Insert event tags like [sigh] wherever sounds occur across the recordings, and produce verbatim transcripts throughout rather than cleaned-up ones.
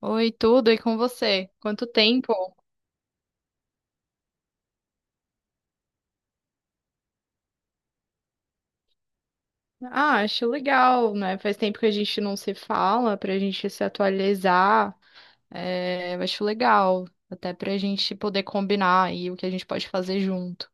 Oi, tudo e com você? Quanto tempo? Ah, acho legal, né? Faz tempo que a gente não se fala, pra gente se atualizar. É, eu acho legal, até pra gente poder combinar aí o que a gente pode fazer junto.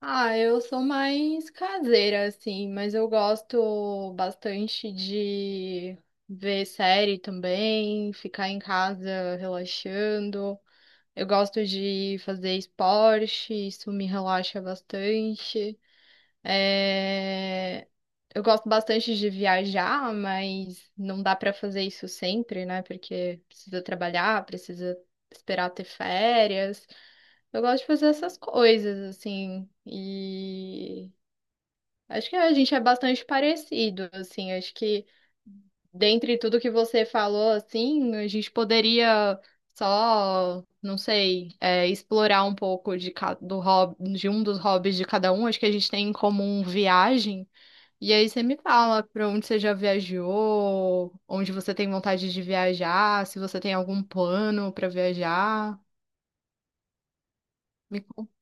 Ah, eu sou mais caseira, assim, mas eu gosto bastante de ver série também, ficar em casa relaxando. Eu gosto de fazer esporte, isso me relaxa bastante. É, Eu gosto bastante de viajar, mas não dá para fazer isso sempre, né? Porque precisa trabalhar, precisa esperar ter férias. Eu gosto de fazer essas coisas, assim. E Acho que a gente é bastante parecido, assim. Acho que dentre tudo que você falou, assim, a gente poderia só, não sei, é, explorar um pouco de, ca- do hobby, de um dos hobbies de cada um. Acho que a gente tem em comum viagem. E aí você me fala para onde você já viajou, onde você tem vontade de viajar, se você tem algum plano para viajar. Me conta.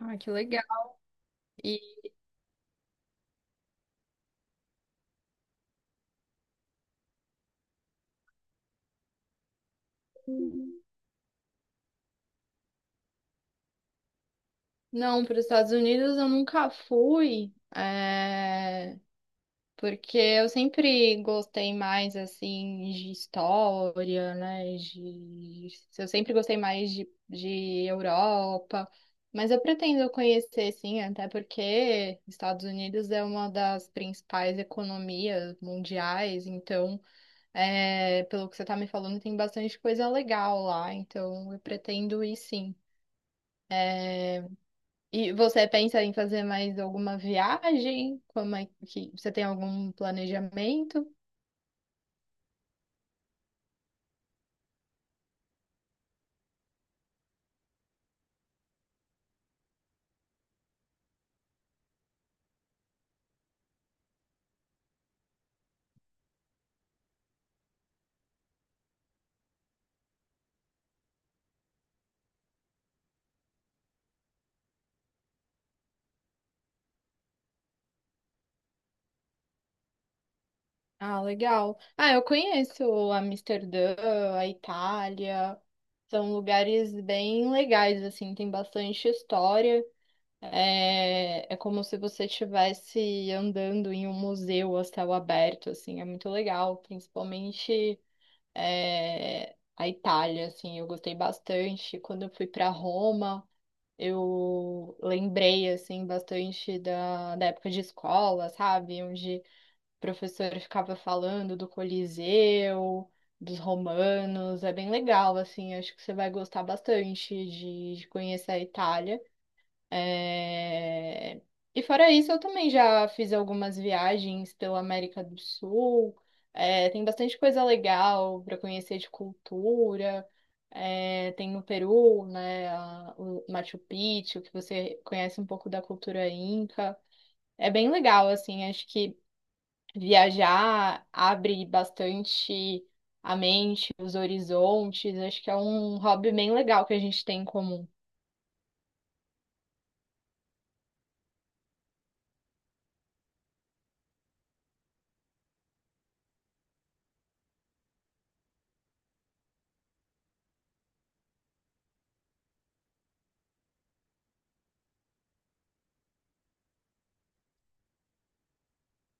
Ah, que legal. E Não, para os Estados Unidos eu nunca fui, é, porque eu sempre gostei mais assim de história, né? De... Eu sempre gostei mais de, de Europa, mas eu pretendo conhecer sim, até porque Estados Unidos é uma das principais economias mundiais, então, é, pelo que você está me falando, tem bastante coisa legal lá, então eu pretendo ir sim. E você pensa em fazer mais alguma viagem? Como é que você tem algum planejamento? Ah, legal. Ah, eu conheço Amsterdã, a Itália. São lugares bem legais, assim, tem bastante história. É, é como se você estivesse andando em um museu a céu aberto, assim, é muito legal, principalmente é, a Itália, assim, eu gostei bastante quando eu fui para Roma. Eu lembrei, assim, bastante da, da época de escola, sabe? Onde o professor ficava falando do Coliseu, dos romanos. É bem legal, assim. Acho que você vai gostar bastante de, de conhecer a Itália. É, E fora isso, eu também já fiz algumas viagens pela América do Sul. É, tem bastante coisa legal para conhecer de cultura. É, tem no Peru, né, a- o Machu Picchu, que você conhece um pouco da cultura inca. É bem legal, assim, acho que viajar abre bastante a mente, os horizontes. Acho que é um hobby bem legal que a gente tem em comum.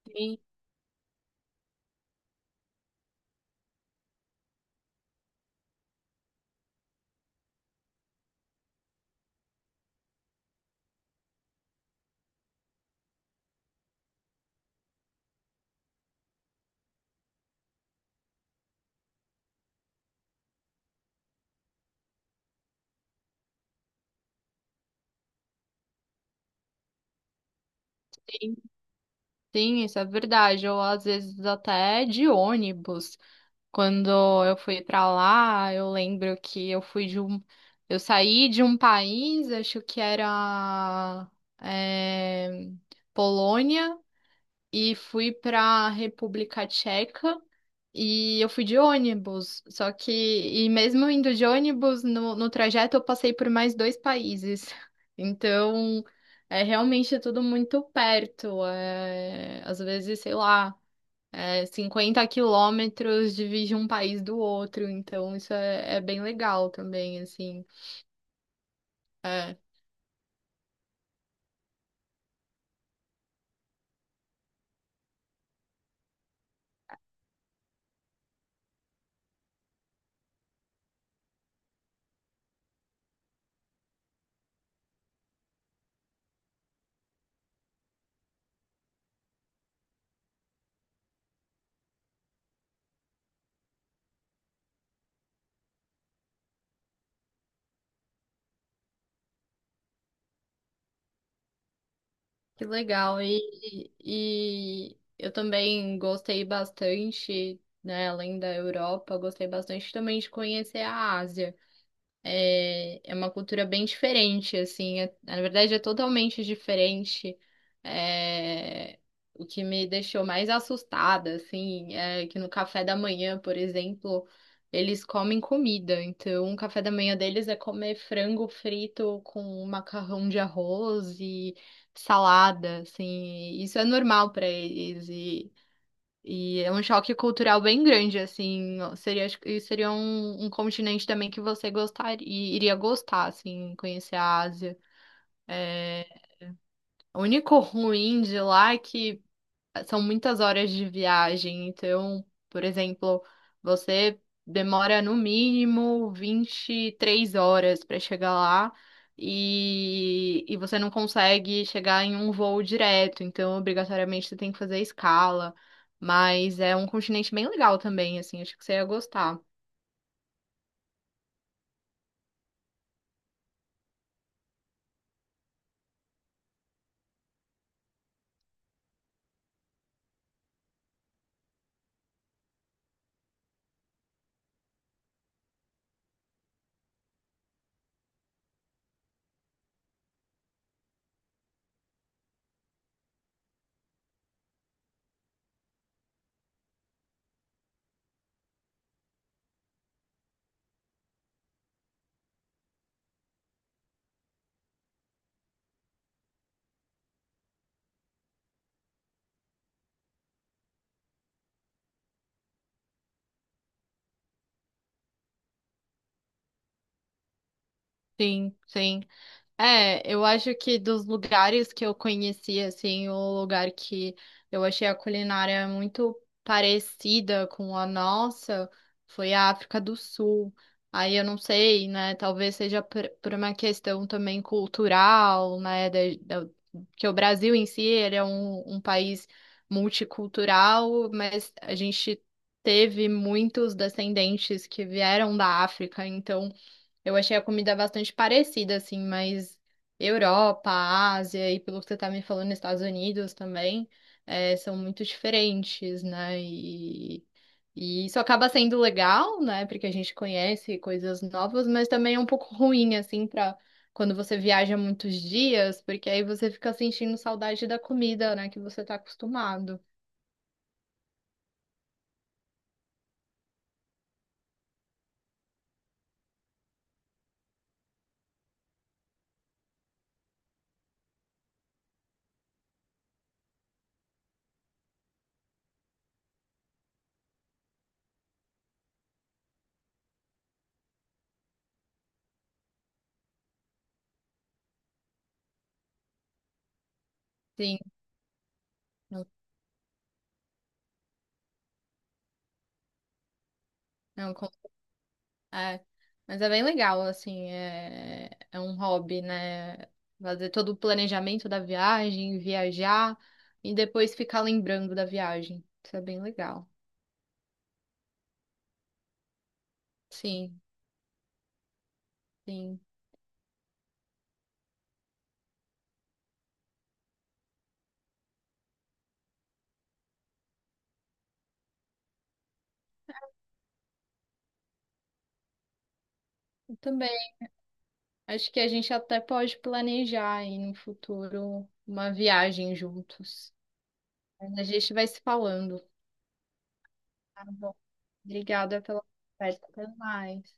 Sim. Sim, isso é verdade. Ou às vezes até de ônibus. Quando eu fui pra lá, eu lembro que eu fui de um. Eu saí de um país, acho que era eh, Polônia e fui para República Tcheca e eu fui de ônibus. Só que, e mesmo indo de ônibus, no, no trajeto eu passei por mais dois países. [laughs] Então, é realmente tudo muito perto. É, às vezes, sei lá, é, cinquenta quilômetros divide um país do outro. Então, isso é, é bem legal também, assim. É, Que legal. E, e eu também gostei bastante, né, além da Europa, eu gostei bastante também de conhecer a Ásia. É, é uma cultura bem diferente, assim, é- na verdade é totalmente diferente. É, o que me deixou mais assustada, assim, é que no café da manhã, por exemplo, eles comem comida. Então, o café da manhã deles é comer frango frito com macarrão de arroz e salada, assim. Isso é normal para eles e é um choque cultural bem grande, assim. Seria, acho que seria um, um continente também que você gostaria, iria gostar, assim, conhecer a Ásia. É, o único ruim de lá é que são muitas horas de viagem. Então, por exemplo, você demora no mínimo vinte e três horas para chegar lá e, e você não consegue chegar em um voo direto. Então, obrigatoriamente, você tem que fazer escala. Mas é um continente bem legal também, assim, acho que você ia gostar. Sim, sim. É, eu acho que dos lugares que eu conheci, assim, o lugar que eu achei a culinária muito parecida com a nossa foi a África do Sul. Aí eu não sei, né? Talvez seja por, por uma questão também cultural, né? Da- da- que o Brasil em si, ele é um, um país multicultural, mas a gente teve muitos descendentes que vieram da África, então. Eu achei a comida bastante parecida, assim, mas Europa, Ásia e pelo que você tá me falando, Estados Unidos também, eh, são muito diferentes, né? E, e isso acaba sendo legal, né? Porque a gente conhece coisas novas, mas também é um pouco ruim, assim, pra quando você viaja muitos dias, porque aí você fica sentindo saudade da comida, né? Que você tá acostumado. Sim, não, não, É, mas é bem legal, assim, é, é um hobby, né? Fazer todo o planejamento da viagem, viajar e depois ficar lembrando da viagem. Isso é bem legal. Sim, sim. Eu também. Acho que a gente até pode planejar aí no futuro uma viagem juntos. Mas a gente vai se falando. Tá bom. Obrigada pela conversa. Até mais.